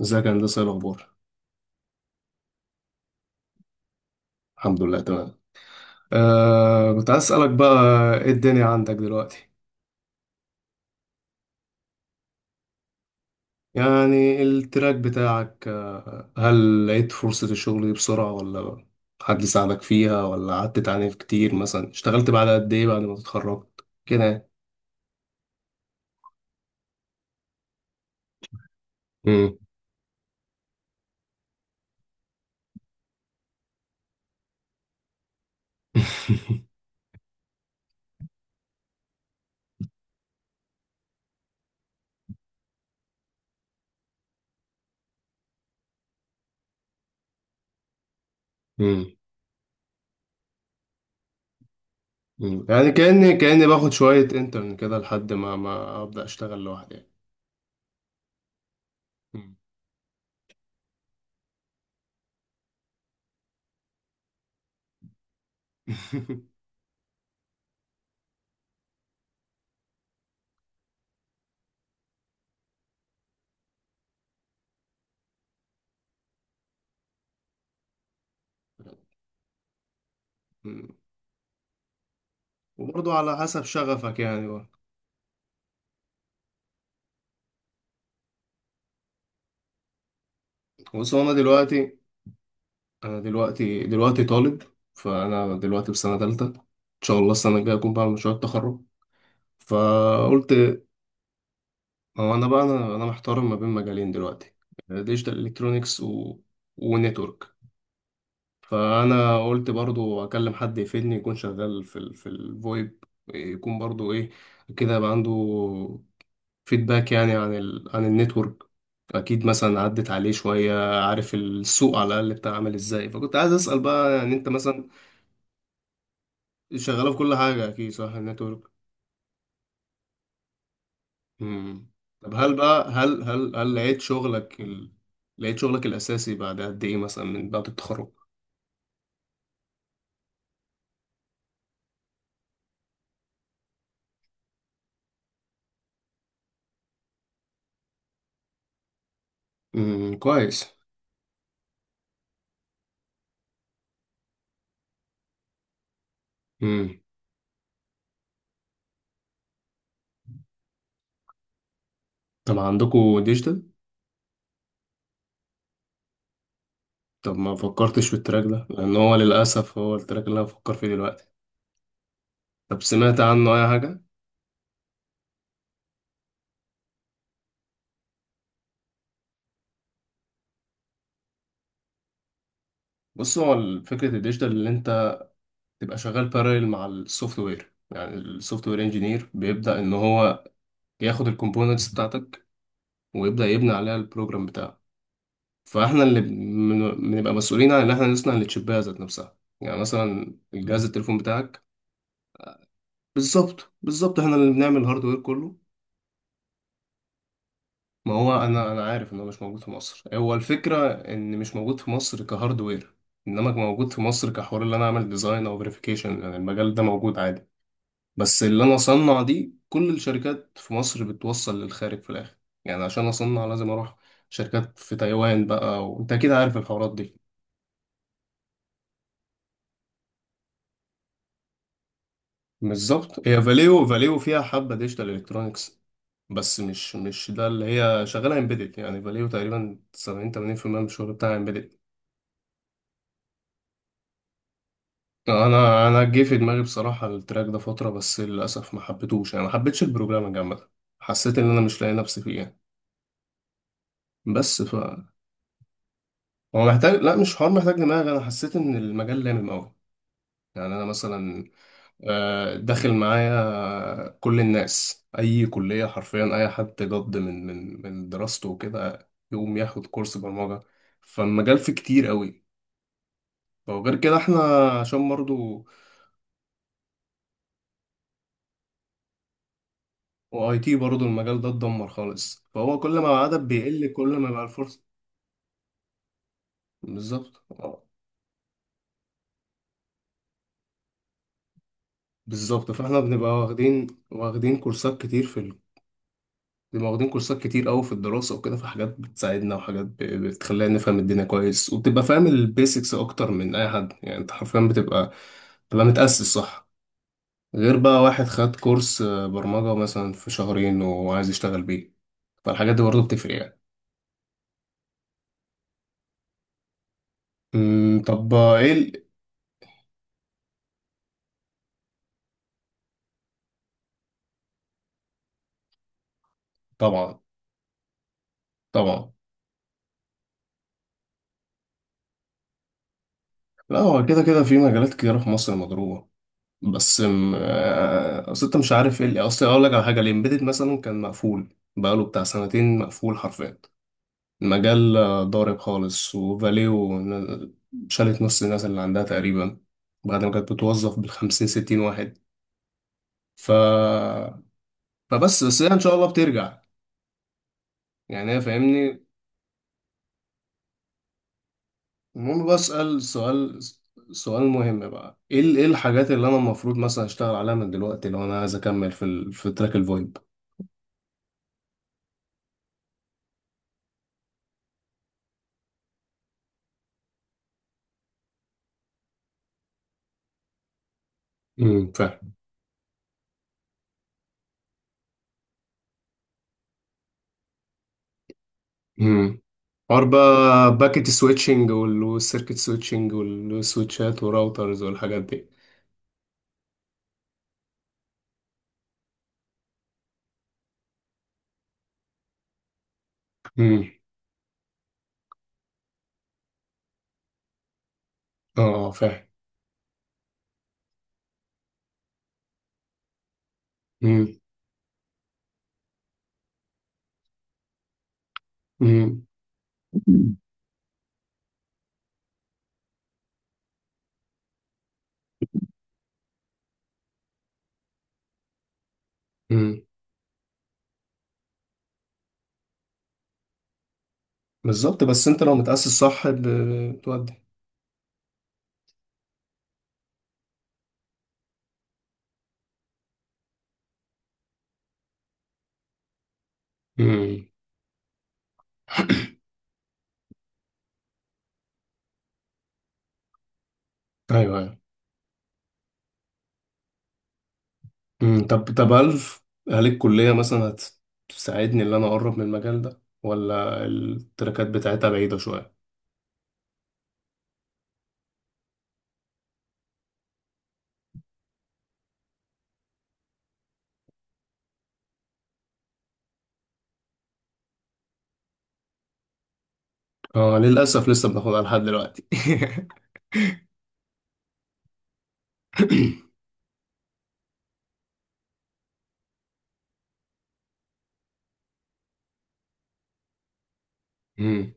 ازيك يا هندسة ايه الأخبار؟ الحمد لله تمام. آه كنت عايز أسألك بقى، ايه الدنيا عندك دلوقتي؟ يعني التراك بتاعك آه هل لقيت فرصة الشغل دي بسرعة ولا حد ساعدك فيها ولا قعدت تعاني كتير، مثلا اشتغلت بعد قد ايه بعد ما اتخرجت؟ كده يعني. مم. مم. مم. يعني كأني باخد شوية انترن كده لحد ما أبدأ أشتغل لوحدي يعني. مم. مم. وبرضه على حسب شغفك يعني بقى. بص هو أنا دلوقتي، أنا دلوقتي طالب. فأنا دلوقتي في سنة تالتة إن شاء الله السنة الجاية أكون بعمل مشروع التخرج. فقلت هو أنا بقى، أنا محتار ما بين مجالين دلوقتي: ديجيتال إلكترونيكس و... ونتورك. فأنا قلت برضو أكلم حد يفيدني، يكون شغال في ال... في الفويب، يكون برضو إيه كده، يبقى عنده فيدباك يعني عن ال... عن النتورك، أكيد مثلا عدت عليه شوية، عارف السوق على الأقل بتاع عامل إزاي. فكنت عايز أسأل بقى، يعني أنت مثلا شغاله في كل حاجه اكيد، صح، النتورك. امم. طب هل بقى، هل لقيت شغلك ال... لقيت شغلك الاساسي بعد قد ايه مثلا من بعد التخرج؟ كويس. امم. طب عندكوا ديجيتال؟ طب ما فكرتش في التراك ده، لان هو للاسف هو التراك اللي انا بفكر فيه دلوقتي. طب سمعت عنه اي حاجه؟ بص هو ال- فكره الديجيتال اللي انت تبقى شغال باراليل مع السوفت وير، يعني السوفت وير انجينير بيبدا ان هو ياخد الكومبوننتس بتاعتك ويبدا يبني عليها البروجرام بتاعه. فاحنا اللي بن- بنبقى مسؤولين عن ان احنا نصنع التشيبات ذات نفسها، يعني مثلا الجهاز التليفون بتاعك. بالظبط بالظبط، احنا اللي بنعمل الهاردوير كله. ما هو انا انا عارف ان هو مش موجود في مصر، هو الفكره ان مش موجود في مصر كهاردوير، انما موجود في مصر كحوار اللي انا اعمل ديزاين او فيريفيكيشن، يعني المجال ده موجود عادي، بس اللي انا اصنع دي كل الشركات في مصر بتوصل للخارج في الاخر. يعني عشان اصنع لازم اروح شركات في تايوان بقى، وانت اكيد عارف الحوارات دي. بالظبط، هي فاليو، فاليو فيها حبة ديجيتال الكترونكس بس مش ده اللي هي شغالة، امبيدد، يعني فاليو تقريبا 70 80% من الشغل بتاعها امبيدد. انا جه في دماغي بصراحة التراك ده فترة، بس للاسف ما حبيتهوش، يعني ما حبيتش البروجرامنج عامة. حسيت ان انا مش لاقي نفسي فيه يعني. بس ف، هو محتاج، لا مش حوار محتاج دماغ، انا حسيت ان المجال لامم قوي. يعني انا مثلا داخل معايا كل الناس اي كليه، حرفيا اي حد جد من من دراسته وكده يقوم ياخد كورس برمجه، فالمجال فيه كتير قوي. وغير كده احنا عشان برضو، واي تي برضو المجال ده اتدمر خالص، فهو كل ما العدد بيقل كل ما بقى الفرص. بالظبط بالظبط. فاحنا بنبقى واخدين كورسات كتير في، بيبقى واخدين كورسات كتير قوي في الدراسة وكده، في حاجات بتساعدنا وحاجات ب- بتخلينا نفهم الدنيا كويس، وبتبقى فاهم البيسكس أكتر من أي حد، يعني أنت حرفيا بتبقى متأسس صح، غير بقى واحد خد كورس، برمجة مثلا في شهرين وعايز يشتغل بيه. فالحاجات دي برضه بتفرق يعني. أمم، طب إيه ال-، طبعا، طبعا. لا هو كده كده في مجالات كتيرة في مصر مضروبة. بس أم، آه، أصل أنت مش عارف إيه اللي-، أصل أقول لك على حاجة، الإمبيدد مثلا كان مقفول بقاله بتاع سنتين مقفول حرفيا، مجال ضارب خالص. وفاليو ن- شالت نص الناس اللي عندها تقريبا بعد ما كانت بتوظف بالخمسين ستين واحد. ف... بس هي إن شاء الله بترجع يعني، هي فاهمني. المهم بسأل سؤال، سؤال مهم بقى: ايه ال- ايه الحاجات اللي انا المفروض مثلا اشتغل عليها من دلوقتي لو انا عايز اكمل في ال... في تراك الفويب؟ فاهم. امم. حوار بقى باكيت سويتشنج والسيركت سويتشنج والسويتشات وراوترز والحاجات دي. امم. اه فاهم. امم. امم. بالظبط. بس انت لو متأسس صح ب- بتودي. امم. ايوه ايوه. امم. طب طب هل، هل الكلية مثلا هتساعدني ان انا اقرب من المجال ده ولا التراكات بتاعتها بعيدة شوية؟ اه للأسف لسه بناخدها لحد دلوقتي. امم.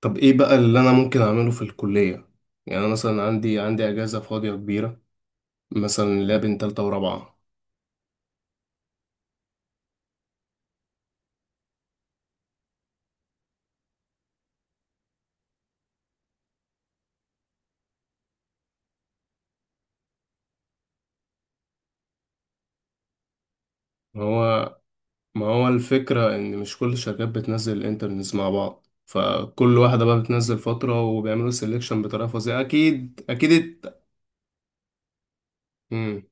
طب ايه بقى اللي انا ممكن اعمله في الكلية؟ يعني انا مثلا عندي اجازة فاضية كبيرة، مثلا اللي هي بين تالتة ورابعة. هو ما هو الفكرة إن مش كل الشركات بتنزل الانترنز مع بعض، فكل واحدة بقى بتنزل فترة وبيعملوا سيلكشن بطريقة فظيعة، أكيد أكيد الت-. مم.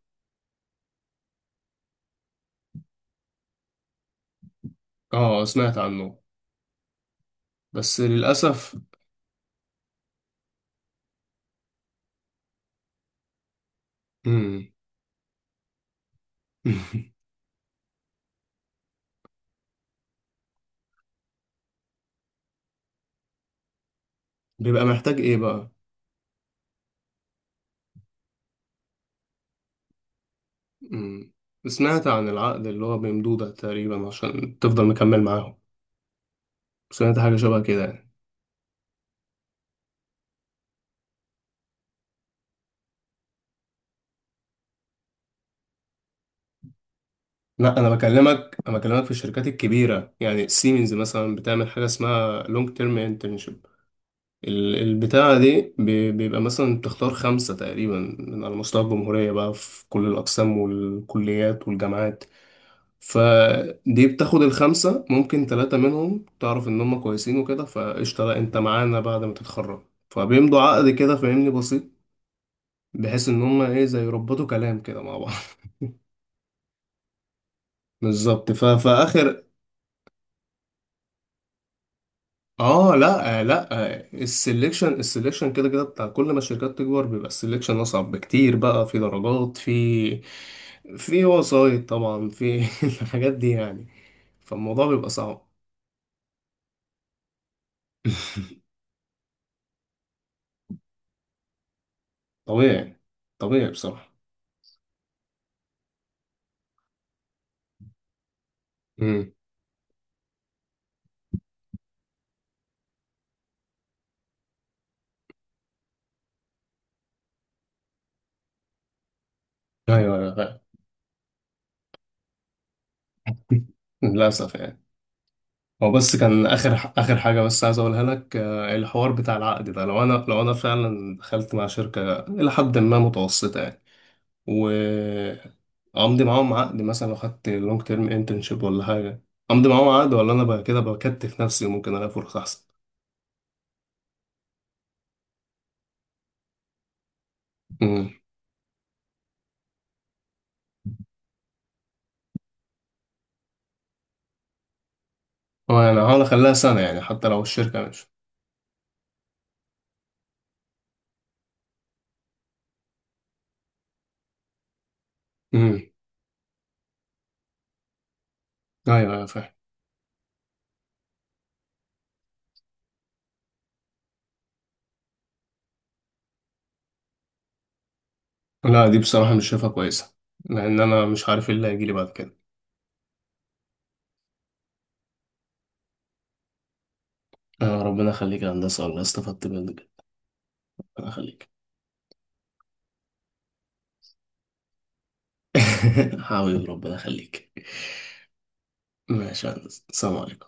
آه سمعت عنه. بس للأسف. مم. بيبقى محتاج إيه بقى؟ مم. سمعت عن العقد اللي هو بمدودة تقريبا عشان تفضل مكمل معاهم، سمعت حاجة شبه كده يعني. لا أنا بكلمك، أنا بكلمك في الشركات الكبيرة، يعني سيمنز مثلا بتعمل حاجة اسمها لونج تيرم internship. ال- البتاعة دي بي- بيبقى مثلا بتختار خمسة تقريبا من على مستوى الجمهورية بقى في كل الأقسام والكليات والجامعات، فدي بتاخد الخمسة، ممكن ثلاثة منهم تعرف إن هم كويسين وكده فقشطة، لا أنت معانا بعد ما تتخرج، فبيمضوا عقد كده فاهمني بسيط، بحيث إن هم إيه زي يربطوا كلام كده مع بعض. بالظبط. ف- فآخر، اه لا آه السلكشن، السلكشن كده كده بتاع كل ما الشركات تكبر بيبقى السلكشن اصعب بكتير، بقى في درجات في، في وسايط طبعا في الحاجات دي يعني، فالموضوع بيبقى صعب. طبيعي، طبيعي بصراحة. امم ايوه ايوه أيوة. للاسف يعني. هو بس كان اخر حاجه بس عايز اقولها لك، الحوار بتاع العقد ده، لو انا لو انا فعلا دخلت مع شركه الى حد ما متوسطه، وامضي معاهم عقد، مثلا لو خدت لونج تيرم انترنشيب ولا حاجه، امضي معاهم عقد ولا انا بقى كده بكتف نفسي وممكن الاقي فرصه احسن؟ امم. هو يعني هحاول اخليها سنه يعني حتى لو الشركه مش. امم ايوه ايوه فاهم. لا دي بصراحه مش شايفها كويسه، لان انا مش عارف ايه اللي هيجي لي بعد كده. ربنا يخليك يا هندسه، والله استفدت منك. ربنا يخليك. حبيبي ربنا يخليك. ماشي يا هندسه، السلام عليكم.